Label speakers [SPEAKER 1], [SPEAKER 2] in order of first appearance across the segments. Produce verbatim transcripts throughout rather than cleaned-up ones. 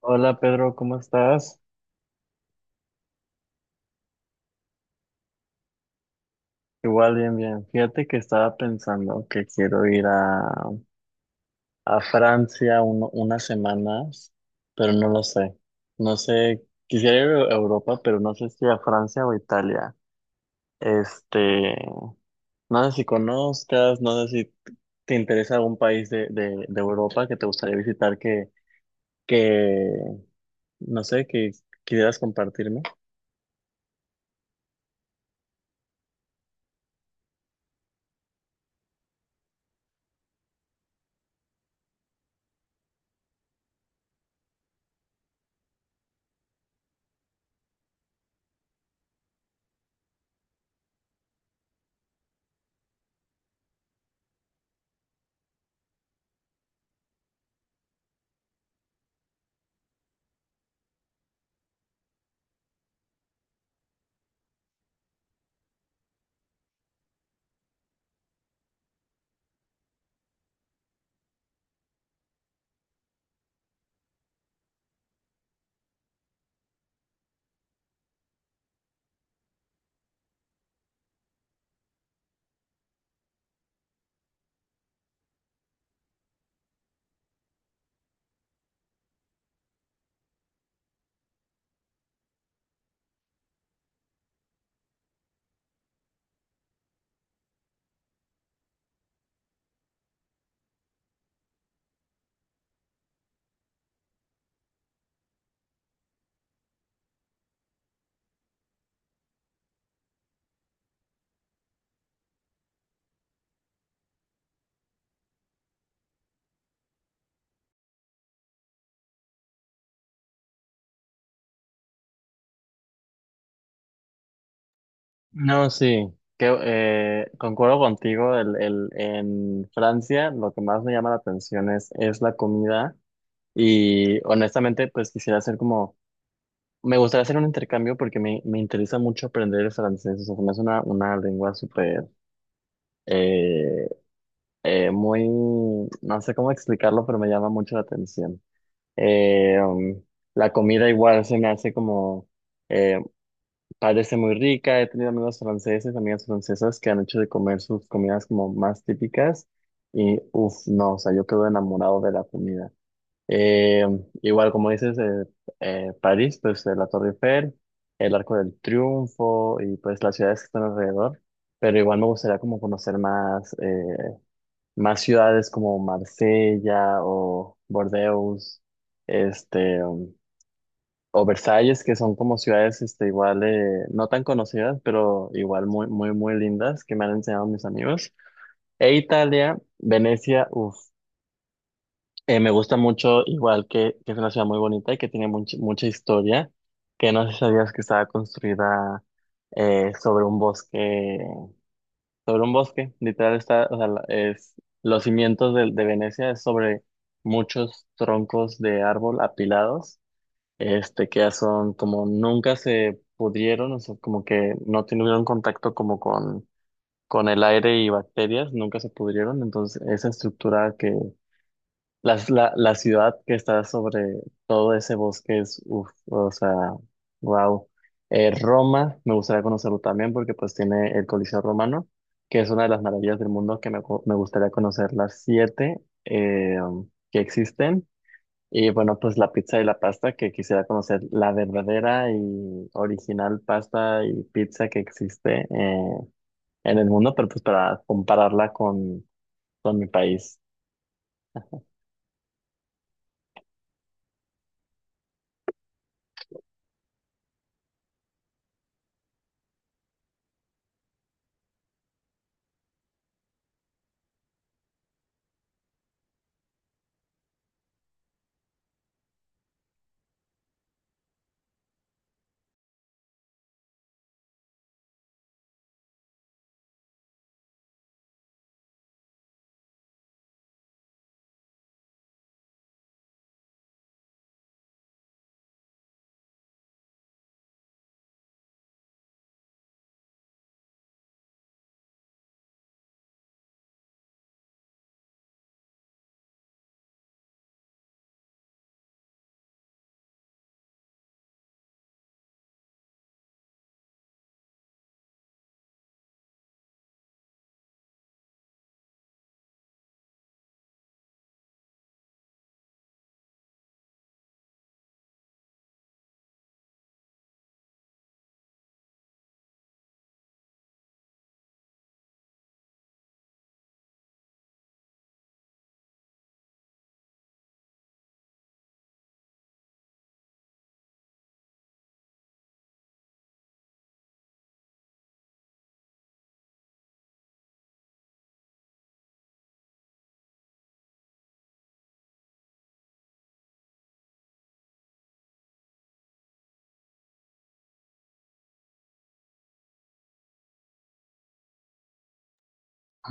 [SPEAKER 1] Hola Pedro, ¿cómo estás? Igual bien, bien. Fíjate que estaba pensando que quiero ir a, a Francia uno- unas semanas, pero no lo sé. No sé, quisiera ir a Europa, pero no sé si a Francia o Italia. Este, no sé si conozcas, no sé si te interesa algún país de, de, de Europa que te gustaría visitar que, que, no sé, que quisieras compartirme. No, sí, que, eh, concuerdo contigo, el, el, en Francia lo que más me llama la atención es, es la comida y honestamente pues quisiera hacer como, me gustaría hacer un intercambio porque me, me interesa mucho aprender el francés, o sea, se me hace una, una lengua súper, eh, eh, muy, no sé cómo explicarlo, pero me llama mucho la atención. Eh, um, la comida igual se me hace como... eh, parece muy rica. He tenido amigos franceses, amigas francesas que han hecho de comer sus comidas como más típicas. Y uff, no, o sea, yo quedo enamorado de la comida. Eh, igual, como dices, eh, eh, París, pues eh, la Torre Eiffel, el Arco del Triunfo y pues las ciudades que están alrededor. Pero igual me gustaría como conocer más, eh, más ciudades como Marsella o Bordeaux, este. um, o Versalles, que son como ciudades este, igual, eh, no tan conocidas, pero igual muy, muy, muy lindas, que me han enseñado mis amigos. E Italia, Venecia, uff, me gusta mucho, igual que, que es una ciudad muy bonita y que tiene much- mucha historia, que no sé si sabías que estaba construida eh, sobre un bosque, sobre un bosque, literal está, o sea, la- es, los cimientos de, de Venecia es sobre muchos troncos de árbol apilados este, que ya son como nunca se pudieron, o sea, como que no tuvieron contacto como con, con el aire y bacterias, nunca se pudrieron, entonces esa estructura que, la, la, la ciudad que está sobre todo ese bosque es, uff, o sea, wow. Eh, Roma, me gustaría conocerlo también porque pues tiene el Coliseo Romano, que es una de las maravillas del mundo que me, gu- me gustaría conocer las siete eh, que existen y bueno, pues la pizza y la pasta, que quisiera conocer la verdadera y original pasta y pizza que existe eh, en el mundo, pero pues para compararla con, con mi país.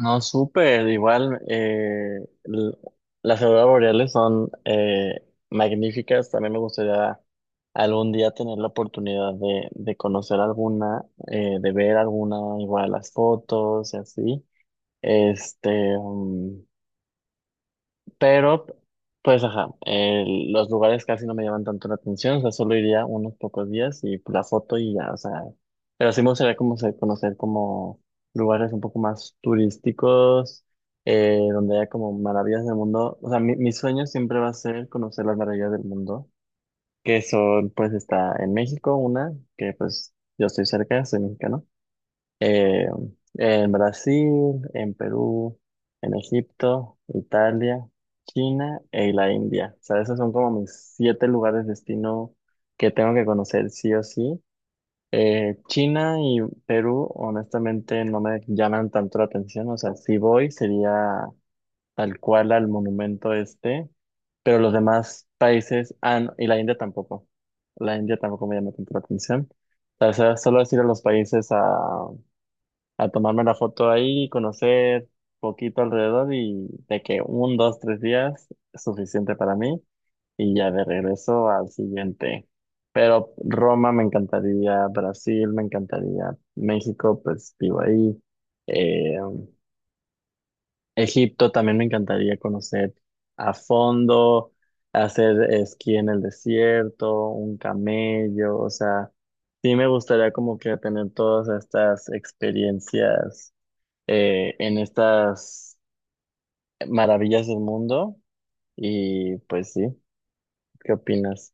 [SPEAKER 1] No, súper, igual eh, l- las auroras boreales son eh, magníficas, también me gustaría algún día tener la oportunidad de, de conocer alguna, eh, de ver alguna, igual las fotos y así. Este, mm, pero, pues, ajá, el- los lugares casi no me llaman tanto la atención, o sea, solo iría unos pocos días y pues, la foto y ya, o sea, pero sí me gustaría como se- conocer como lugares un poco más turísticos, eh, donde haya como maravillas del mundo, o sea, mi, mi sueño siempre va a ser conocer las maravillas del mundo, que son, pues, está en México una, que pues yo estoy cerca, soy mexicano, eh, en Brasil, en Perú, en Egipto, Italia, China y la India. O sea, esos son como mis siete lugares destino que tengo que conocer sí o sí. Eh, China y Perú, honestamente, no me llaman tanto la atención. O sea, si voy sería tal cual al monumento este, pero los demás países, ah, no, y la India tampoco. La India tampoco me llama tanto la atención. O sea, solo es ir a los países a a tomarme la foto ahí, conocer poquito alrededor y de que un, dos, tres días es suficiente para mí y ya de regreso al siguiente. Pero Roma me encantaría, Brasil me encantaría, México pues vivo ahí, eh, Egipto también me encantaría conocer a fondo, hacer esquí en el desierto, un camello, o sea, sí me gustaría como que tener todas estas experiencias eh, en estas maravillas del mundo. Y pues sí, ¿qué opinas?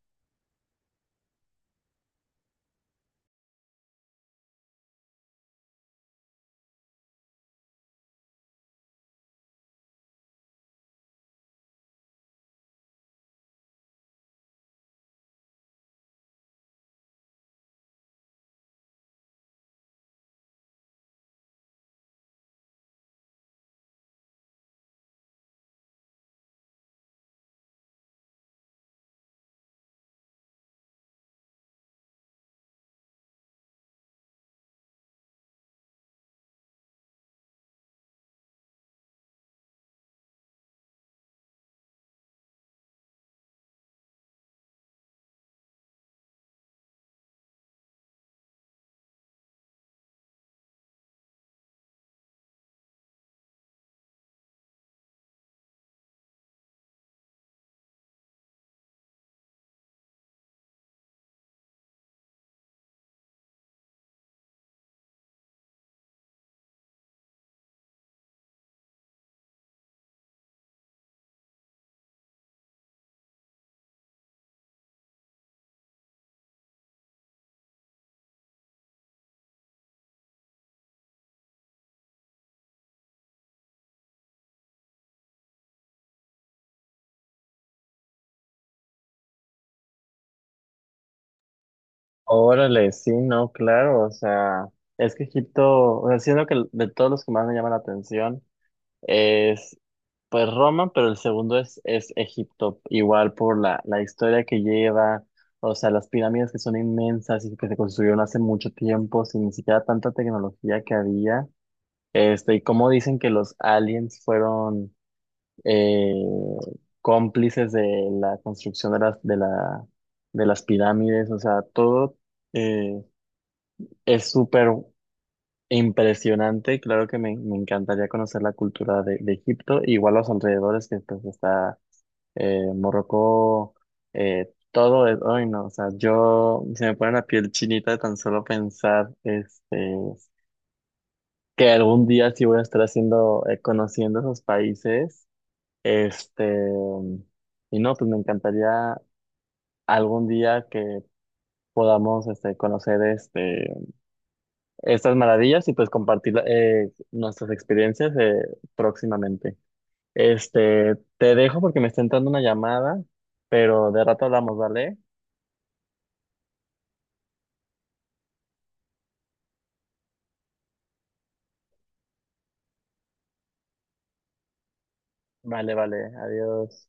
[SPEAKER 1] Órale, sí, no, claro, o sea, es que Egipto, o sea, siendo que de todos los que más me llaman la atención es pues Roma, pero el segundo es, es Egipto, igual por la, la historia que lleva, o sea, las pirámides que son inmensas y que se construyeron hace mucho tiempo sin ni siquiera tanta tecnología que había, este, y cómo dicen que los aliens fueron eh, cómplices de la construcción de las, de la, de las pirámides, o sea, todo eh, es súper impresionante y claro que me, me encantaría conocer la cultura de, de Egipto, igual los alrededores que pues está eh, Morocco, eh, todo es, ay no, o sea, yo se me pone la piel chinita de tan solo pensar, este... que algún día sí voy a estar haciendo, eh, conociendo esos países. Este, y no, pues me encantaría algún día que podamos este, conocer este, estas maravillas y pues compartir eh, nuestras experiencias eh, próximamente. Este, te dejo porque me está entrando una llamada, pero de rato hablamos, ¿vale? Vale, vale, adiós.